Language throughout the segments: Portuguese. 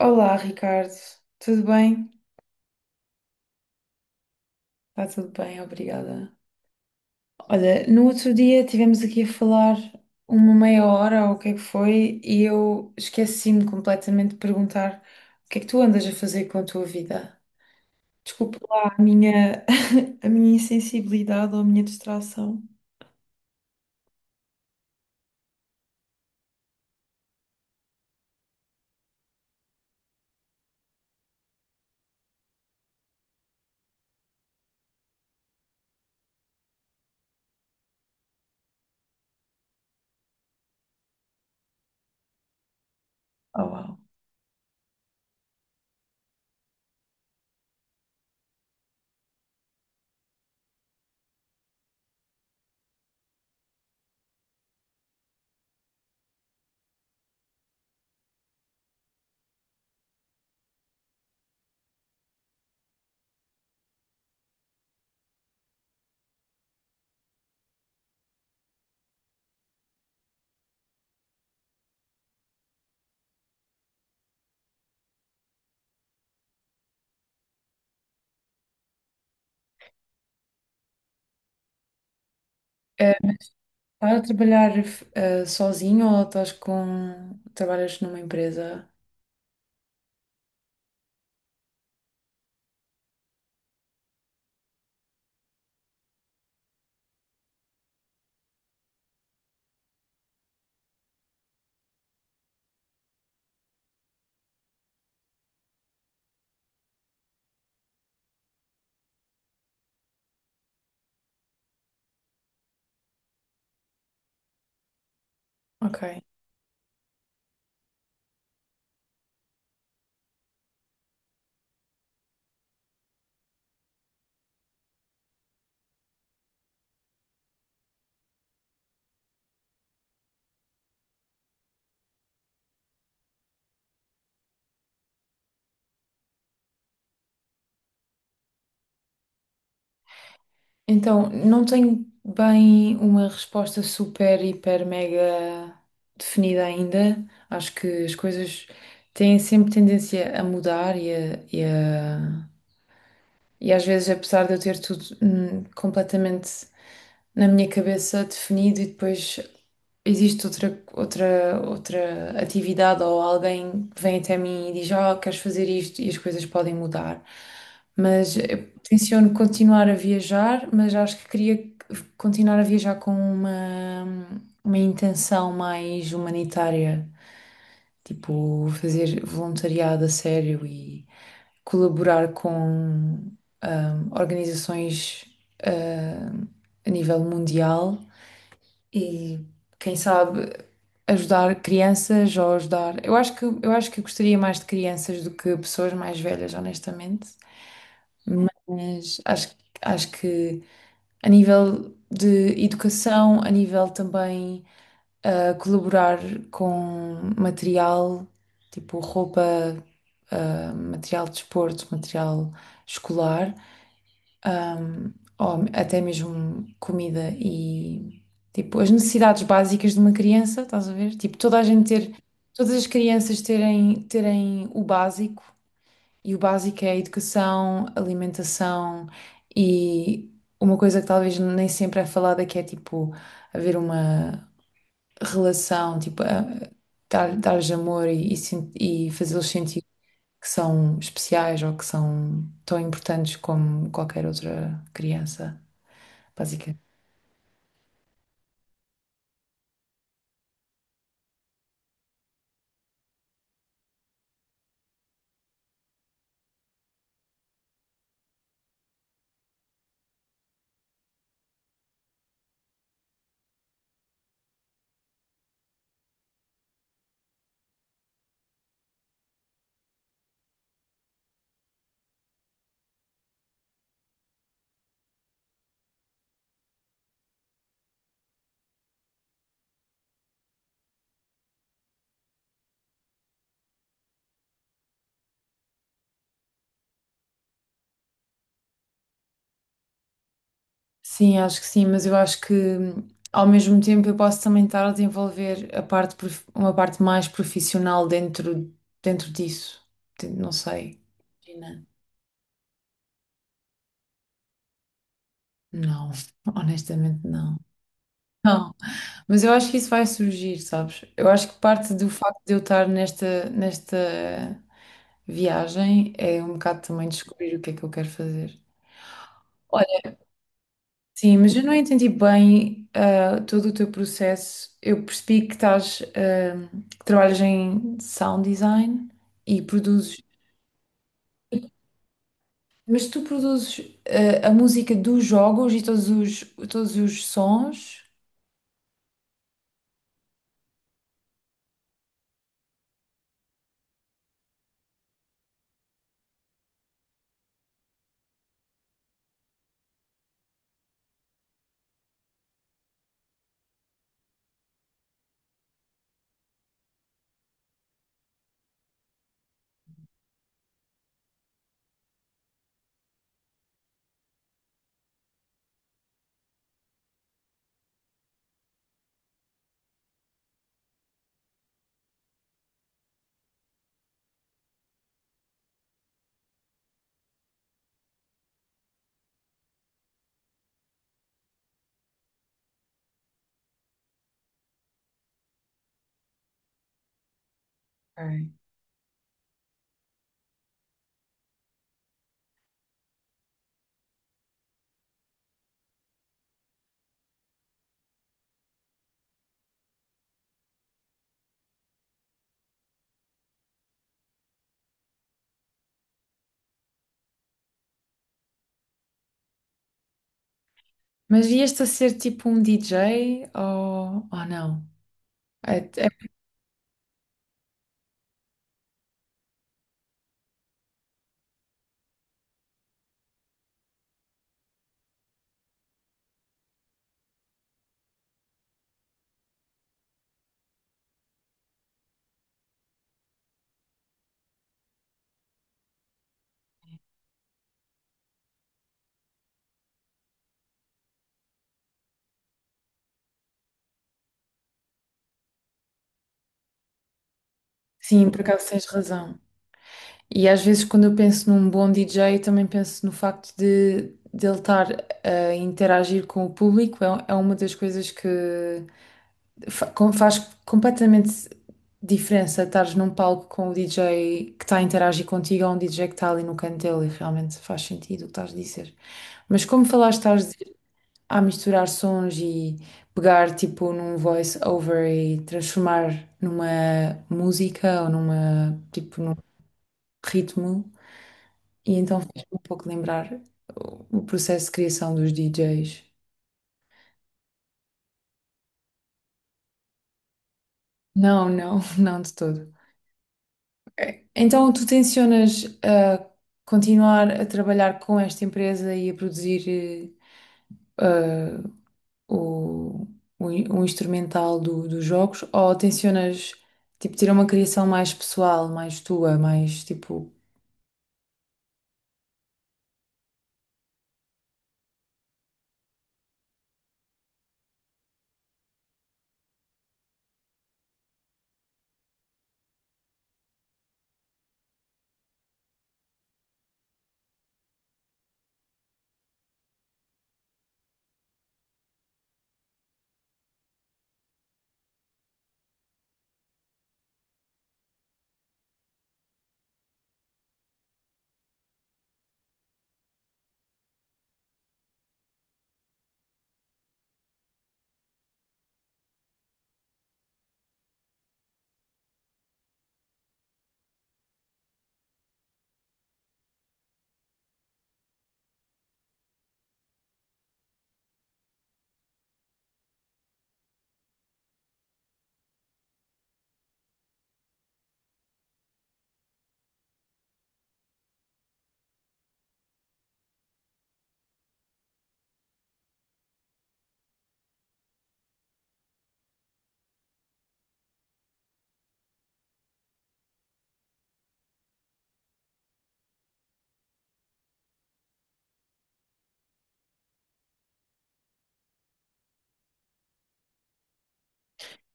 Olá, Ricardo. Tudo bem? Está tudo bem, obrigada. Olha, no outro dia tivemos aqui a falar uma meia hora ou o que é que foi e eu esqueci-me completamente de perguntar o que é que tu andas a fazer com a tua vida. Desculpa lá a minha, a minha insensibilidade ou a minha distração. Oh, uau. Mas estás a trabalhar sozinho ou estás com... trabalhas numa empresa? Ok. Então, não tenho bem uma resposta super, hiper, mega definida ainda. Acho que as coisas têm sempre tendência a mudar e e às vezes, apesar de eu ter tudo completamente na minha cabeça definido e depois existe outra atividade ou alguém que vem até mim e diz, oh, queres fazer isto e as coisas podem mudar. Mas eu tenciono continuar a viajar, mas acho que queria continuar a viajar com uma intenção mais humanitária, tipo fazer voluntariado a sério e colaborar com organizações ah, a nível mundial e quem sabe ajudar crianças ou ajudar. Eu acho que eu gostaria mais de crianças do que pessoas mais velhas, honestamente. Mas acho que a nível de educação, a nível também colaborar com material, tipo roupa, material de desporto, material escolar, ahm, ou até mesmo comida e tipo as necessidades básicas de uma criança, estás a ver? Tipo, todas as crianças terem o básico, e o básico é a educação, alimentação e uma coisa que talvez nem sempre é falada que é tipo haver uma relação, tipo, dar-lhes amor e, e fazê-los sentir que são especiais ou que são tão importantes como qualquer outra criança, basicamente. Sim, acho que sim, mas eu acho que, ao mesmo tempo, eu posso também estar a desenvolver uma parte mais profissional dentro, dentro disso. Não sei. Imagina. Não, honestamente não. Não, mas eu acho que isso vai surgir, sabes? Eu acho que parte do facto de eu estar nesta viagem é um bocado também descobrir o que é que eu quero fazer. Sim, mas eu não entendi bem, todo o teu processo. Eu percebi que estás, ah, que trabalhas em sound design e produzes, mas tu produzes, a música dos jogos e todos todos os sons. Ok. Mas ias-te a ser tipo um DJ ou não? É, é- sim, por acaso tens razão. E às vezes quando eu penso num bom DJ, também penso no facto de ele estar a interagir com o público. É, é uma das coisas que faz completamente diferença estares num palco com o DJ que está a interagir contigo ou um DJ que está ali no canto dele. E realmente faz sentido o que estás a dizer. Mas como falaste, estás a, misturar sons e pegar tipo num voice over e transformar numa música ou numa tipo num ritmo. E então faz-me um pouco lembrar o processo de criação dos DJs. Não, não, não de todo. É, então tu tencionas a continuar a trabalhar com esta empresa e a produzir, eh, ah, o, o instrumental dos jogos, ou tencionas tipo ter uma criação mais pessoal, mais tua, mais tipo...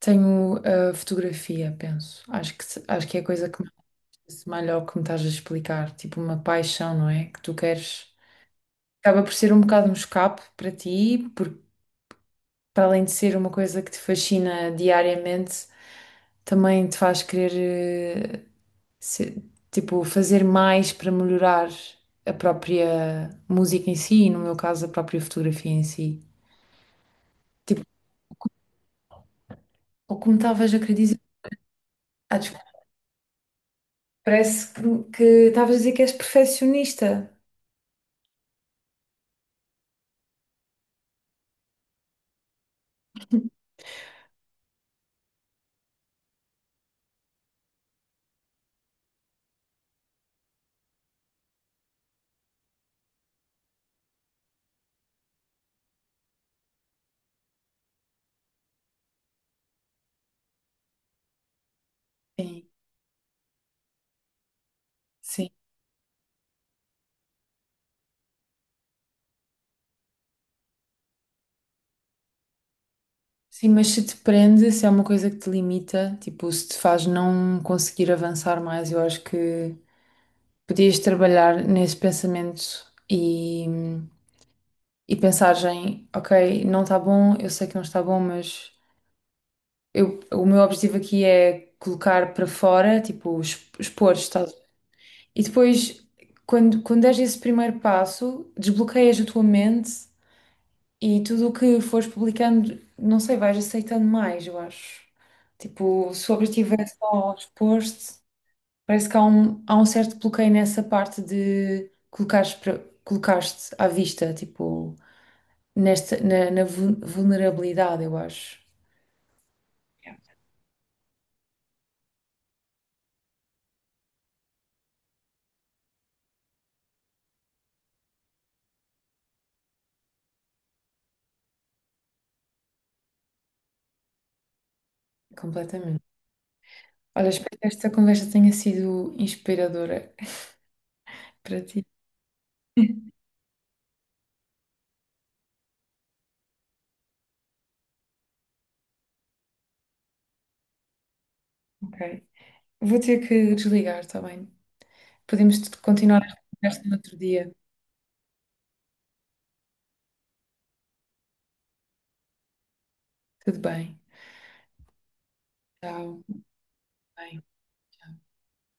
Tenho a fotografia, penso. Acho que se- Acho que é a coisa que mais se assemelha ao que me estás a explicar, tipo uma paixão, não é? Que tu queres... Acaba por ser um bocado um escape para ti, porque para além de ser uma coisa que te fascina diariamente, também te faz querer, se- tipo, fazer mais para melhorar a própria música em si, e no meu caso, a própria fotografia em si. Tipo, ou como estavas a querer dizer, ah, desculpa. Parece que estavas a dizer que és perfeccionista. Sim, sim. Sim, mas se te prende, se é uma coisa que te limita, tipo, se te faz não conseguir avançar mais, eu acho que podias trabalhar nesse pensamento e pensares em, ok, não está bom, eu sei que não está bom, mas eu, o meu objetivo aqui é colocar para fora, tipo, expor, estás? E depois, quando deres esse primeiro passo, desbloqueias a tua mente e tudo o que fores publicando, não sei, vais aceitando mais, eu acho. Tipo, se o objetivo é só expor-te. Parece que há há um certo bloqueio nessa parte de colocares-te à vista, tipo, na vulnerabilidade, eu acho. Yeah. Completamente. Olha, espero que esta conversa tenha sido inspiradora para ti. Ok. Vou ter que desligar, está bem? Podemos continuar esta conversa no outro dia. Tudo bem. Tchau. Bem. Tchau.